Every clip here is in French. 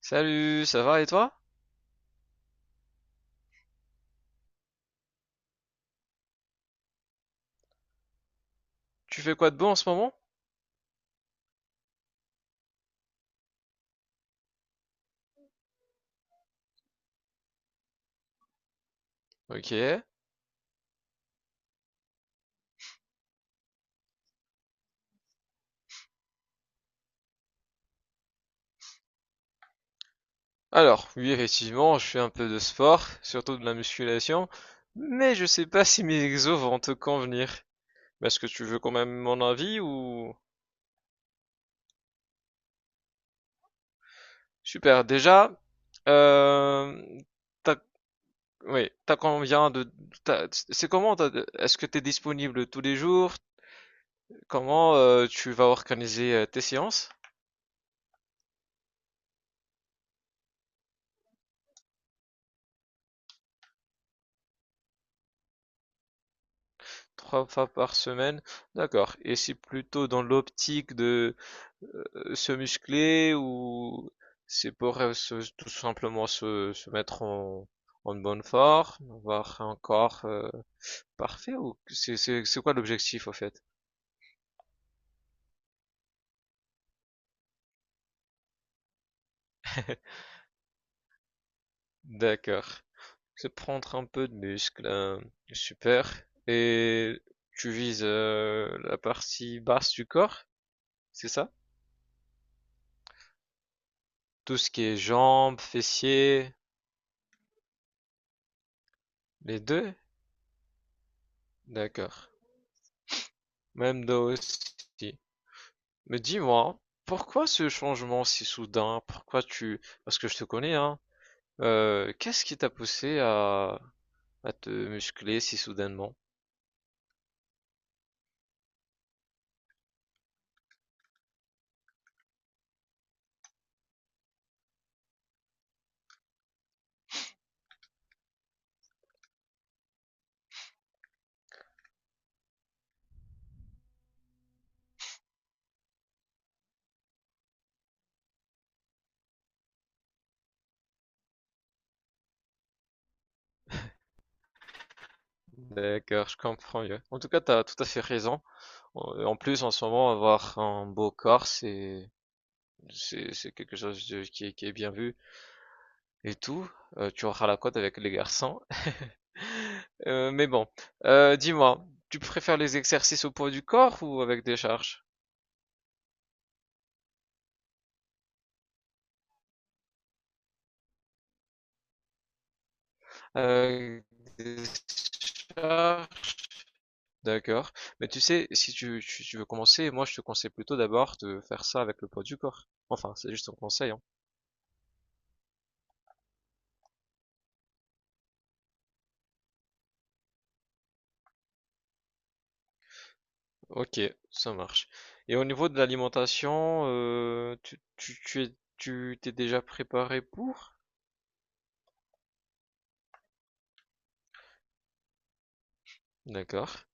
Salut, ça va et toi? Tu fais quoi de beau en ce moment? Ok. Alors, oui, effectivement, je fais un peu de sport, surtout de la musculation, mais je sais pas si mes exos vont te convenir. Est-ce que tu veux quand même mon avis ou? Super, déjà, euh, t'as, oui, t'as combien de... t'as- c'est comment, est-ce que t'es disponible tous les jours? Comment tu vas organiser tes séances? 3 fois par semaine? D'accord. Et c'est plutôt dans l'optique de se muscler ou c'est pour tout simplement se mettre en, en bonne forme, avoir un corps parfait ou c'est quoi l'objectif au fait? D'accord. C'est prendre un peu de muscle, hein. Super. Et tu vises la partie basse du corps, c'est ça? Tout ce qui est jambes, fessiers, les deux? D'accord. Même dos aussi. Mais dis-moi, pourquoi ce changement si soudain? Pourquoi tu. Parce que je te connais, hein. Qu'est-ce qui t'a poussé à te muscler si soudainement? D'accord, je comprends mieux. En tout cas, t'as tout à fait raison. En plus, en ce moment, avoir un beau corps, c'est quelque chose qui est bien vu et tout. Tu auras la cote avec les garçons. Mais bon. Dis-moi, tu préfères les exercices au poids du corps ou avec des charges? Euh, Ah, d'accord. Mais tu sais, si tu veux commencer, moi je te conseille plutôt d'abord de faire ça avec le poids du corps. Enfin, c'est juste un conseil, hein. Ok, ça marche. Et au niveau de l'alimentation, tu, tu, tu es, tu t'es déjà préparé pour? D'accord.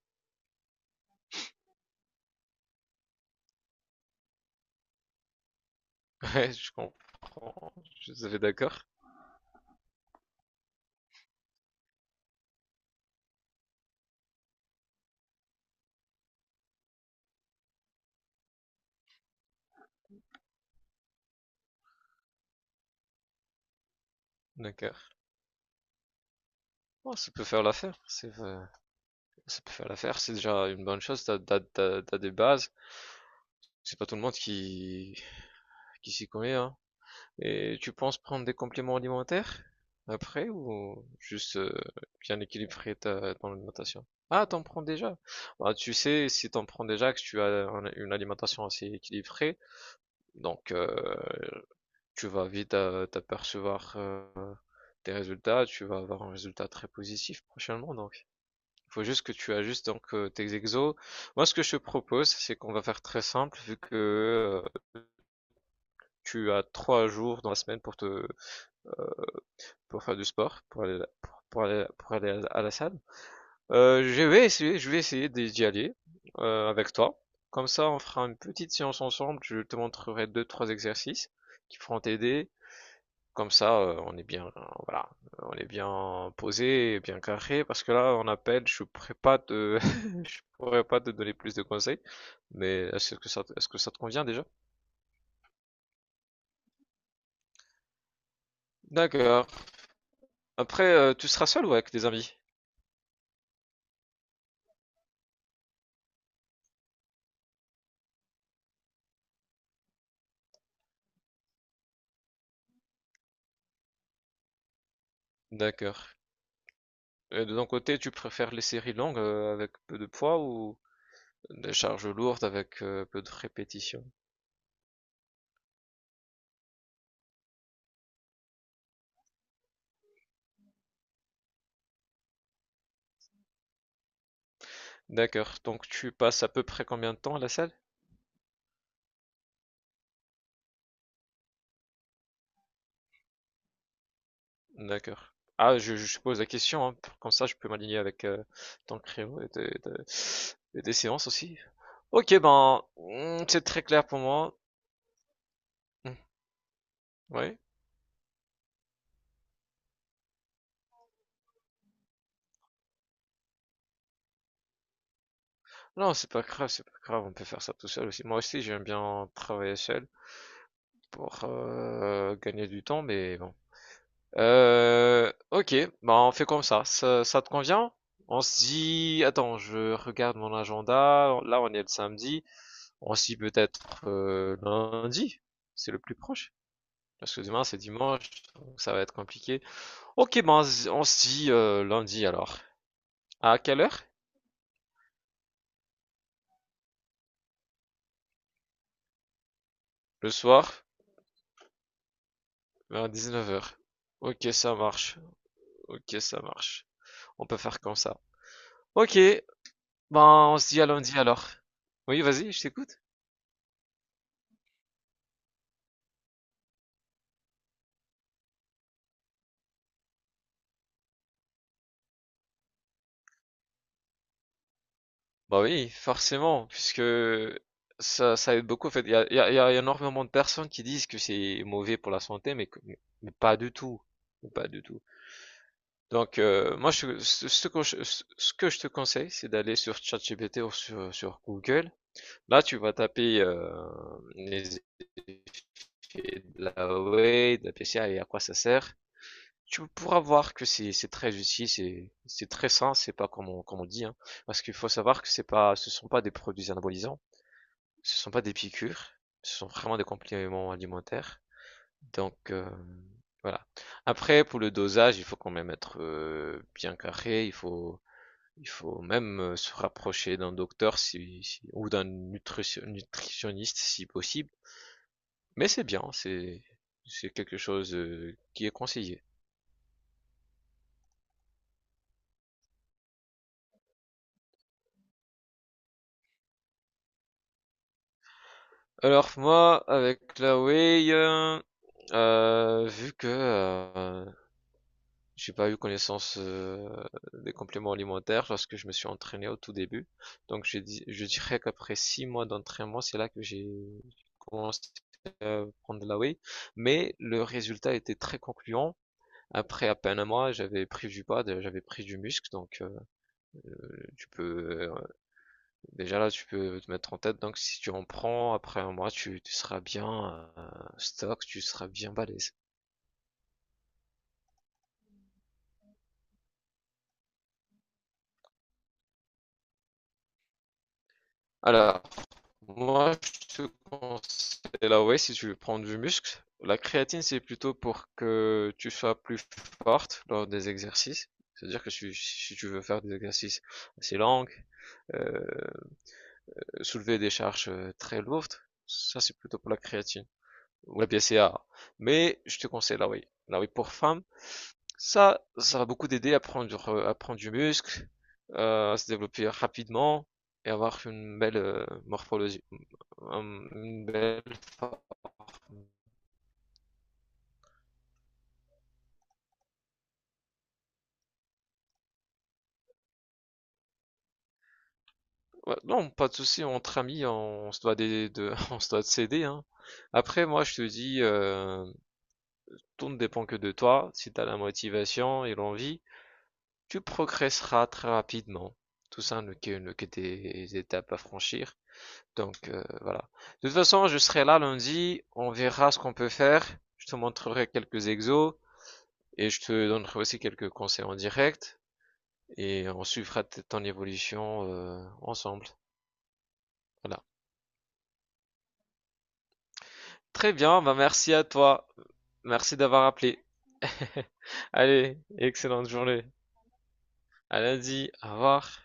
Ouais, je comprends. Je suis d'accord. D'accord. Oh, ça peut faire l'affaire. Ça peut faire l'affaire. C'est déjà une bonne chose. T'as des bases. C'est pas tout le monde qui s'y connaît, hein. Et tu penses prendre des compléments alimentaires après ou juste bien équilibrer ton alimentation? Ah, t'en prends déjà. Bah, tu sais, si t'en prends déjà, que tu as une alimentation assez équilibrée, donc tu vas vite t'apercevoir tes résultats, tu vas avoir un résultat très positif prochainement. Donc, il faut juste que tu ajustes donc tes exos. Moi, ce que je te propose, c'est qu'on va faire très simple, vu que euh, tu as 3 jours dans la semaine pour te pour faire du sport, pour aller à la salle. Je vais essayer d'y aller avec toi. Comme ça, on fera une petite séance ensemble. Je te montrerai deux, trois exercices qui feront t'aider. Comme ça, on est bien, voilà, on est bien posé, bien carré. Parce que là, on appelle, je pourrais pas te, je pourrais pas te donner plus de conseils. Mais est-ce que ça te convient déjà? D'accord. Après, tu seras seul ou avec des amis? D'accord. Et de ton côté, tu préfères les séries longues avec peu de poids ou des charges lourdes avec peu de répétitions? D'accord. Donc tu passes à peu près combien de temps à la salle? D'accord. Ah, je pose la question, hein, comme ça je peux m'aligner avec ton créneau et et tes séances aussi. Ok, ben, c'est très clair pour moi. Hmm, oui. Non, c'est pas grave, on peut faire ça tout seul aussi. Moi aussi, j'aime bien travailler seul pour gagner du temps, mais bon. Ok, bah on fait comme ça. Ça te convient? On se dit, attends, je regarde mon agenda. Là, on est le samedi. On se dit peut-être lundi. C'est le plus proche. Parce que demain, c'est dimanche, donc ça va être compliqué. Ok, bah on se dit lundi alors. À quelle heure? Le soir, vers 19h. Ok, ça marche. Ok, ça marche. On peut faire comme ça. Ok, ben on se dit à lundi alors. Oui, vas-y, je t'écoute. Bah oui, forcément, puisque ça, ça aide beaucoup. En fait, il y a énormément de personnes qui disent que c'est mauvais pour la santé, mais pas du tout. Mais pas du tout. Donc, moi, ce que je te conseille, c'est d'aller sur ChatGPT ou sur Google. Là, tu vas taper les effets de la whey, de la PCA et à quoi ça sert. Tu pourras voir que c'est très utile, c'est très sain, c'est pas comme comme on dit, hein. Parce qu'il faut savoir que c'est pas, ce sont pas des produits anabolisants. Ce sont pas des piqûres, ce sont vraiment des compléments alimentaires. Donc voilà. Après, pour le dosage, il faut quand même être bien carré. Il faut même se rapprocher d'un docteur ou d'un nutritionniste si possible. Mais c'est bien, c'est quelque chose qui est conseillé. Alors moi, avec la whey, vu que J'ai pas eu connaissance des compléments alimentaires lorsque je me suis entraîné au tout début. Donc je dirais qu'après 6 mois d'entraînement, c'est là que j'ai commencé à prendre de la whey. Mais le résultat était très concluant. Après à peine un mois, j'avais pris du poids, j'avais pris du muscle, donc tu peux déjà là tu peux te mettre en tête. Donc si tu en prends après un mois, tu seras bien stock, tu seras bien balèze. Alors moi, je te conseille là, whey si tu veux prendre du muscle. La créatine, c'est plutôt pour que tu sois plus forte lors des exercices. C'est-à-dire que si tu veux faire des exercices assez longs, euh, soulever des charges très lourdes, ça c'est plutôt pour la créatine ou la BCAA. Mais je te conseille la whey. La whey pour femme, ça va beaucoup t'aider à prendre, à prendre du muscle, à se développer rapidement et avoir une belle morphologie. Une belle Ouais, non, pas de souci, entre amis, on se doit des- de, on se doit de s'aider, hein. Après, moi, je te dis, tout ne dépend que de toi. Si tu as la motivation et l'envie, tu progresseras très rapidement. Tout ça n'est que des étapes à franchir. Donc voilà. De toute façon, je serai là lundi, on verra ce qu'on peut faire. Je te montrerai quelques exos et je te donnerai aussi quelques conseils en direct et on suivra ton évolution ensemble. Voilà. Très bien, bah merci à toi. Merci d'avoir appelé. Allez, excellente journée. À lundi, au revoir.